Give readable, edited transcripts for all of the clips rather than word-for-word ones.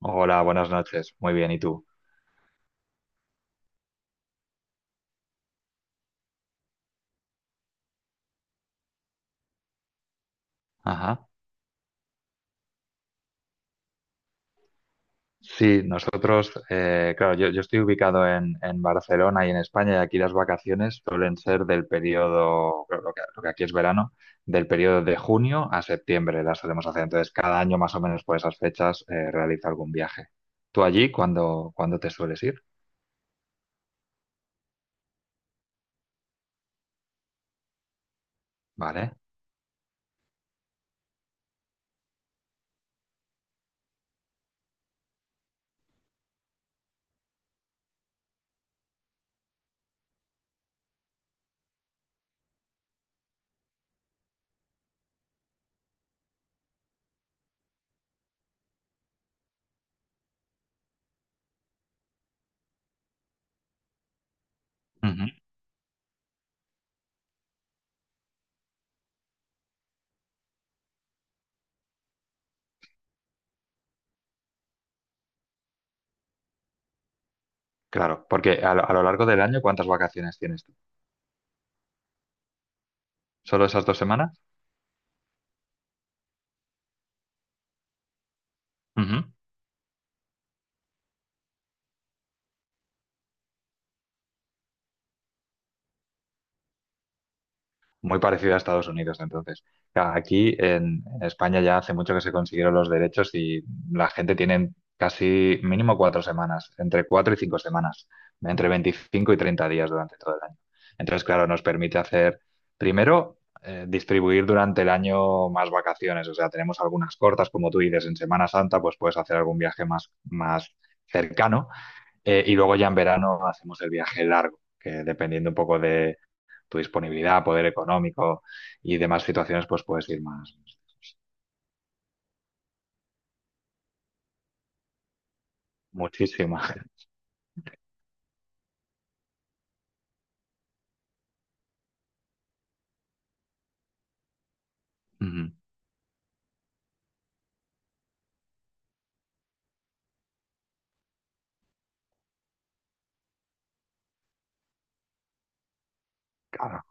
Hola, buenas noches. Muy bien, ¿y tú? Ajá. Sí, nosotros, claro, yo estoy ubicado en Barcelona y en España, y aquí las vacaciones suelen ser del periodo, claro, lo que aquí es verano, del periodo de junio a septiembre las solemos hacer. Entonces, cada año más o menos por esas fechas realizo algún viaje. ¿Tú allí cuándo te sueles ir? Vale. Ujú. Claro, porque a lo largo del año, ¿cuántas vacaciones tienes tú? ¿Solo esas dos semanas? Ujú. Muy parecida a Estados Unidos. Entonces, claro, aquí en España ya hace mucho que se consiguieron los derechos y la gente tiene casi mínimo 4 semanas, entre 4 y 5 semanas, entre 25 y 30 días durante todo el año. Entonces, claro, nos permite hacer, primero, distribuir durante el año más vacaciones. O sea, tenemos algunas cortas, como tú dices, en Semana Santa, pues puedes hacer algún viaje más cercano. Y luego ya en verano hacemos el viaje largo, que dependiendo un poco de tu disponibilidad, poder económico y demás situaciones, pues puedes ir más, muchísimas. Ujú. Claro.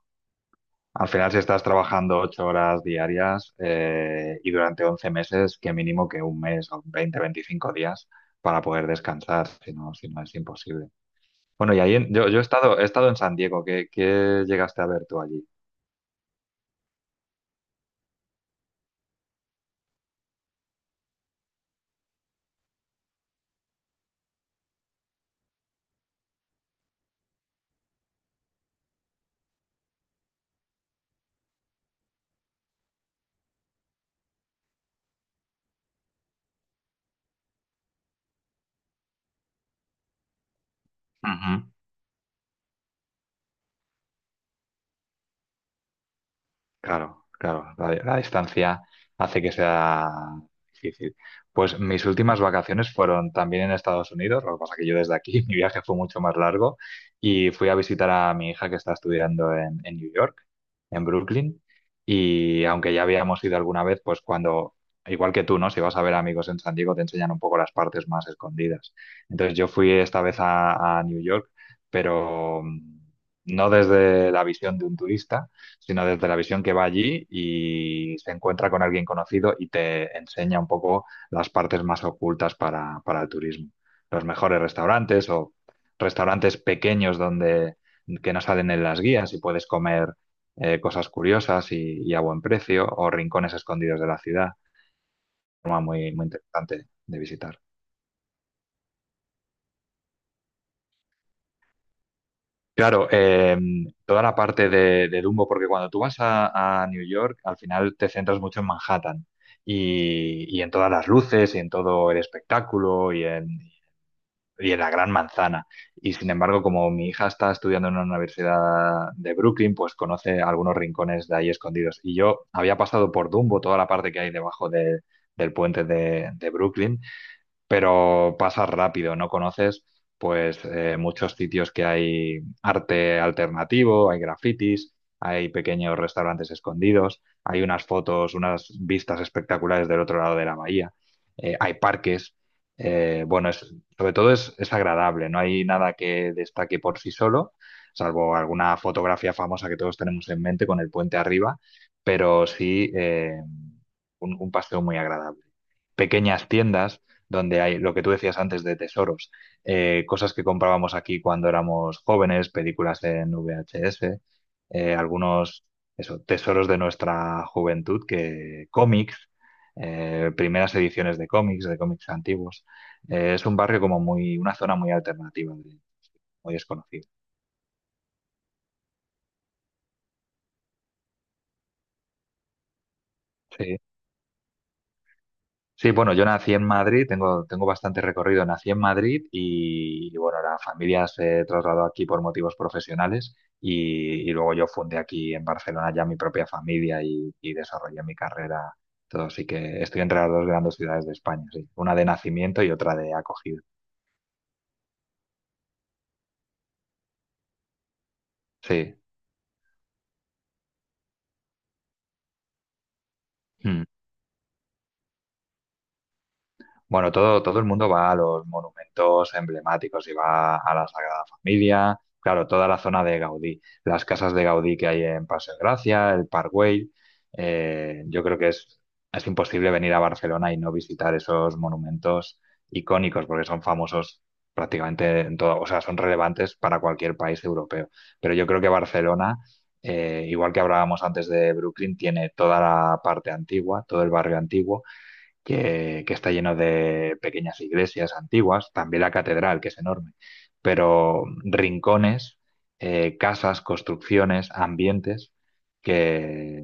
Al final, si estás trabajando 8 horas diarias y durante 11 meses, que mínimo que un mes o 25 días para poder descansar, si no, si no es imposible. Bueno, y ahí en- yo he estado en San Diego, ¿qué, qué llegaste a ver tú allí? Claro, claro, la distancia hace que sea difícil. Pues mis últimas vacaciones fueron también en Estados Unidos, lo que pasa que yo desde aquí, mi viaje fue mucho más largo y fui a visitar a mi hija que está estudiando en New York, en Brooklyn, y aunque ya habíamos ido alguna vez, pues cuando, igual que tú, ¿no? Si vas a ver amigos en San Diego, te enseñan un poco las partes más escondidas. Entonces yo fui esta vez a New York, pero no desde la visión de un turista sino desde la visión que va allí y se encuentra con alguien conocido y te enseña un poco las partes más ocultas para el turismo. Los mejores restaurantes o restaurantes pequeños donde que no salen en las guías y puedes comer cosas curiosas y a buen precio, o rincones escondidos de la ciudad. Una muy, muy interesante de visitar. Claro, toda la parte de Dumbo, porque cuando tú vas a New York, al final te centras mucho en Manhattan y en todas las luces y en todo el espectáculo y en la gran manzana. Y sin embargo, como mi hija está estudiando en una universidad de Brooklyn, pues conoce algunos rincones de ahí escondidos. Y yo había pasado por Dumbo, toda la parte que hay debajo de- del puente de Brooklyn, pero pasas rápido, no conoces pues muchos sitios que hay arte alternativo, hay grafitis, hay pequeños restaurantes escondidos, hay unas fotos, unas vistas espectaculares del otro lado de la bahía, hay parques. Bueno, es- sobre todo es agradable, no hay nada que destaque por sí solo, salvo alguna fotografía famosa que todos tenemos en mente con el puente arriba, pero sí un paseo muy agradable, pequeñas tiendas donde hay lo que tú decías antes de tesoros, cosas que comprábamos aquí cuando éramos jóvenes, películas en VHS, algunos eso, tesoros de nuestra juventud, que cómics, primeras ediciones de cómics antiguos. Es un barrio como muy, una zona muy alternativa, muy desconocida. Sí. Sí, bueno, yo nací en Madrid, tengo, tengo bastante recorrido, nací en Madrid y, bueno, la familia se trasladó aquí por motivos profesionales y luego yo fundé aquí en Barcelona ya mi propia familia y desarrollé mi carrera, todo, así que estoy entre las dos grandes ciudades de España, sí, una de nacimiento y otra de acogida, sí. Hmm. Bueno, todo el mundo va a los monumentos emblemáticos y va a la Sagrada Familia, claro, toda la zona de Gaudí, las casas de Gaudí que hay en Paseo de Gracia, el Parkway. Yo creo que es imposible venir a Barcelona y no visitar esos monumentos icónicos porque son famosos prácticamente en todo, o sea, son relevantes para cualquier país europeo. Pero yo creo que Barcelona, igual que hablábamos antes de Brooklyn, tiene toda la parte antigua, todo el barrio antiguo que está lleno de pequeñas iglesias antiguas, también la catedral, que es enorme, pero rincones, casas, construcciones, ambientes, que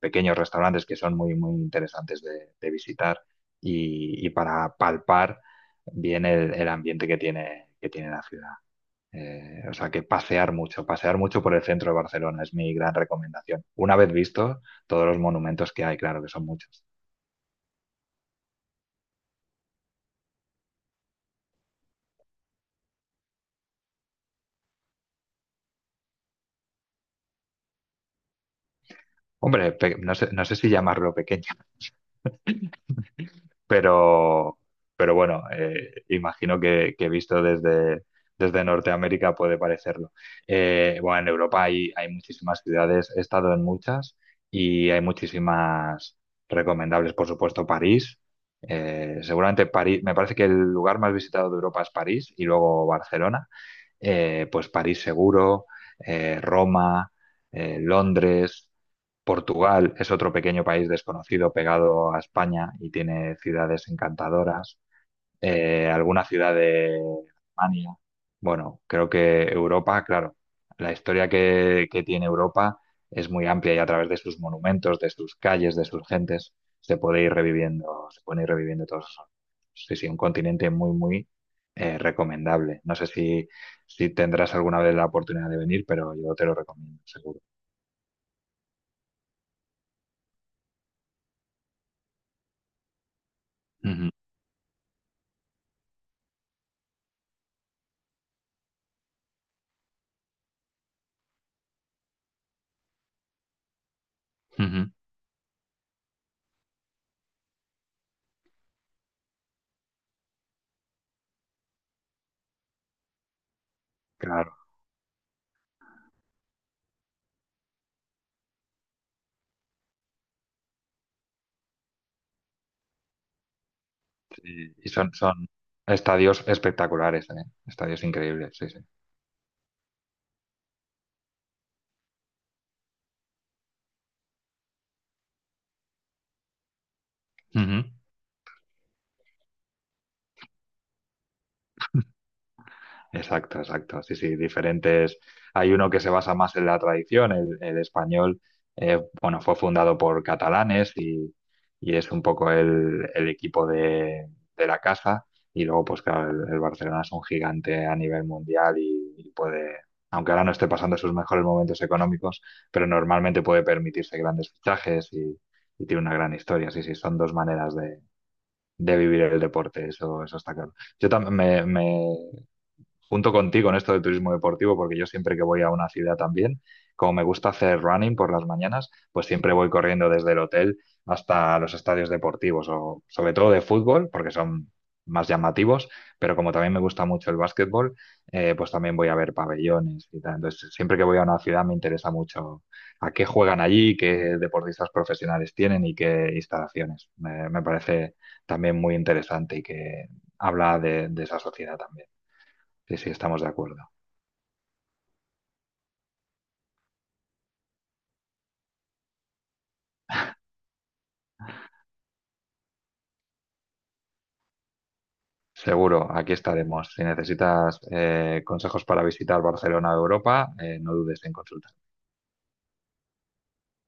pequeños restaurantes que son muy, muy interesantes de visitar y para palpar bien el ambiente que tiene la ciudad. O sea que pasear mucho por el centro de Barcelona es mi gran recomendación. Una vez visto todos los monumentos que hay, claro que son muchos. Hombre, pe- no sé, no sé si llamarlo pequeño, pero, pero bueno, imagino que visto desde, desde Norteamérica puede parecerlo. Bueno, en Europa hay, hay muchísimas ciudades, he estado en muchas y hay muchísimas recomendables, por supuesto, París. Seguramente París, me parece que el lugar más visitado de Europa es París y luego Barcelona, pues París seguro, Roma, Londres, Portugal es otro pequeño país desconocido pegado a España y tiene ciudades encantadoras, alguna ciudad de Alemania. Bueno, creo que Europa, claro, la historia que tiene Europa es muy amplia y a través de sus monumentos, de sus calles, de sus gentes, se puede ir reviviendo, se pueden ir reviviendo todos esos. Sí, sí, un continente muy, muy recomendable. No sé si, si tendrás alguna vez la oportunidad de venir, pero yo te lo recomiendo, seguro. Ujú, ujú. Claro, sí. Y son, son estadios espectaculares, ¿eh? Estadios increíbles, sí, sí. Ujú. Exacto, exacto. Sí, sí, diferentes. Hay uno que se basa más en la tradición, el español, bueno, fue fundado por catalanes y es un poco el equipo de la casa. Y luego, pues claro, el Barcelona es un gigante a nivel mundial y puede, aunque ahora no esté pasando sus mejores momentos económicos, pero normalmente puede permitirse grandes fichajes y tiene una gran historia. Sí, sí, son dos maneras de vivir el deporte, eso está claro. Yo también me- junto contigo en esto de turismo deportivo, porque yo siempre que voy a una ciudad también, como me gusta hacer running por las mañanas, pues siempre voy corriendo desde el hotel hasta los estadios deportivos, o sobre todo de fútbol, porque son más llamativos, pero como también me gusta mucho el básquetbol, pues también voy a ver pabellones y tal. Entonces, siempre que voy a una ciudad me interesa mucho a qué juegan allí, qué deportistas profesionales tienen y qué instalaciones. Me parece también muy interesante y que habla de esa sociedad también. Sí, sí, estamos de acuerdo. Seguro, aquí estaremos. Si necesitas consejos para visitar Barcelona o Europa, no dudes en consultar.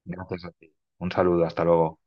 Gracias a ti. Un saludo, hasta luego.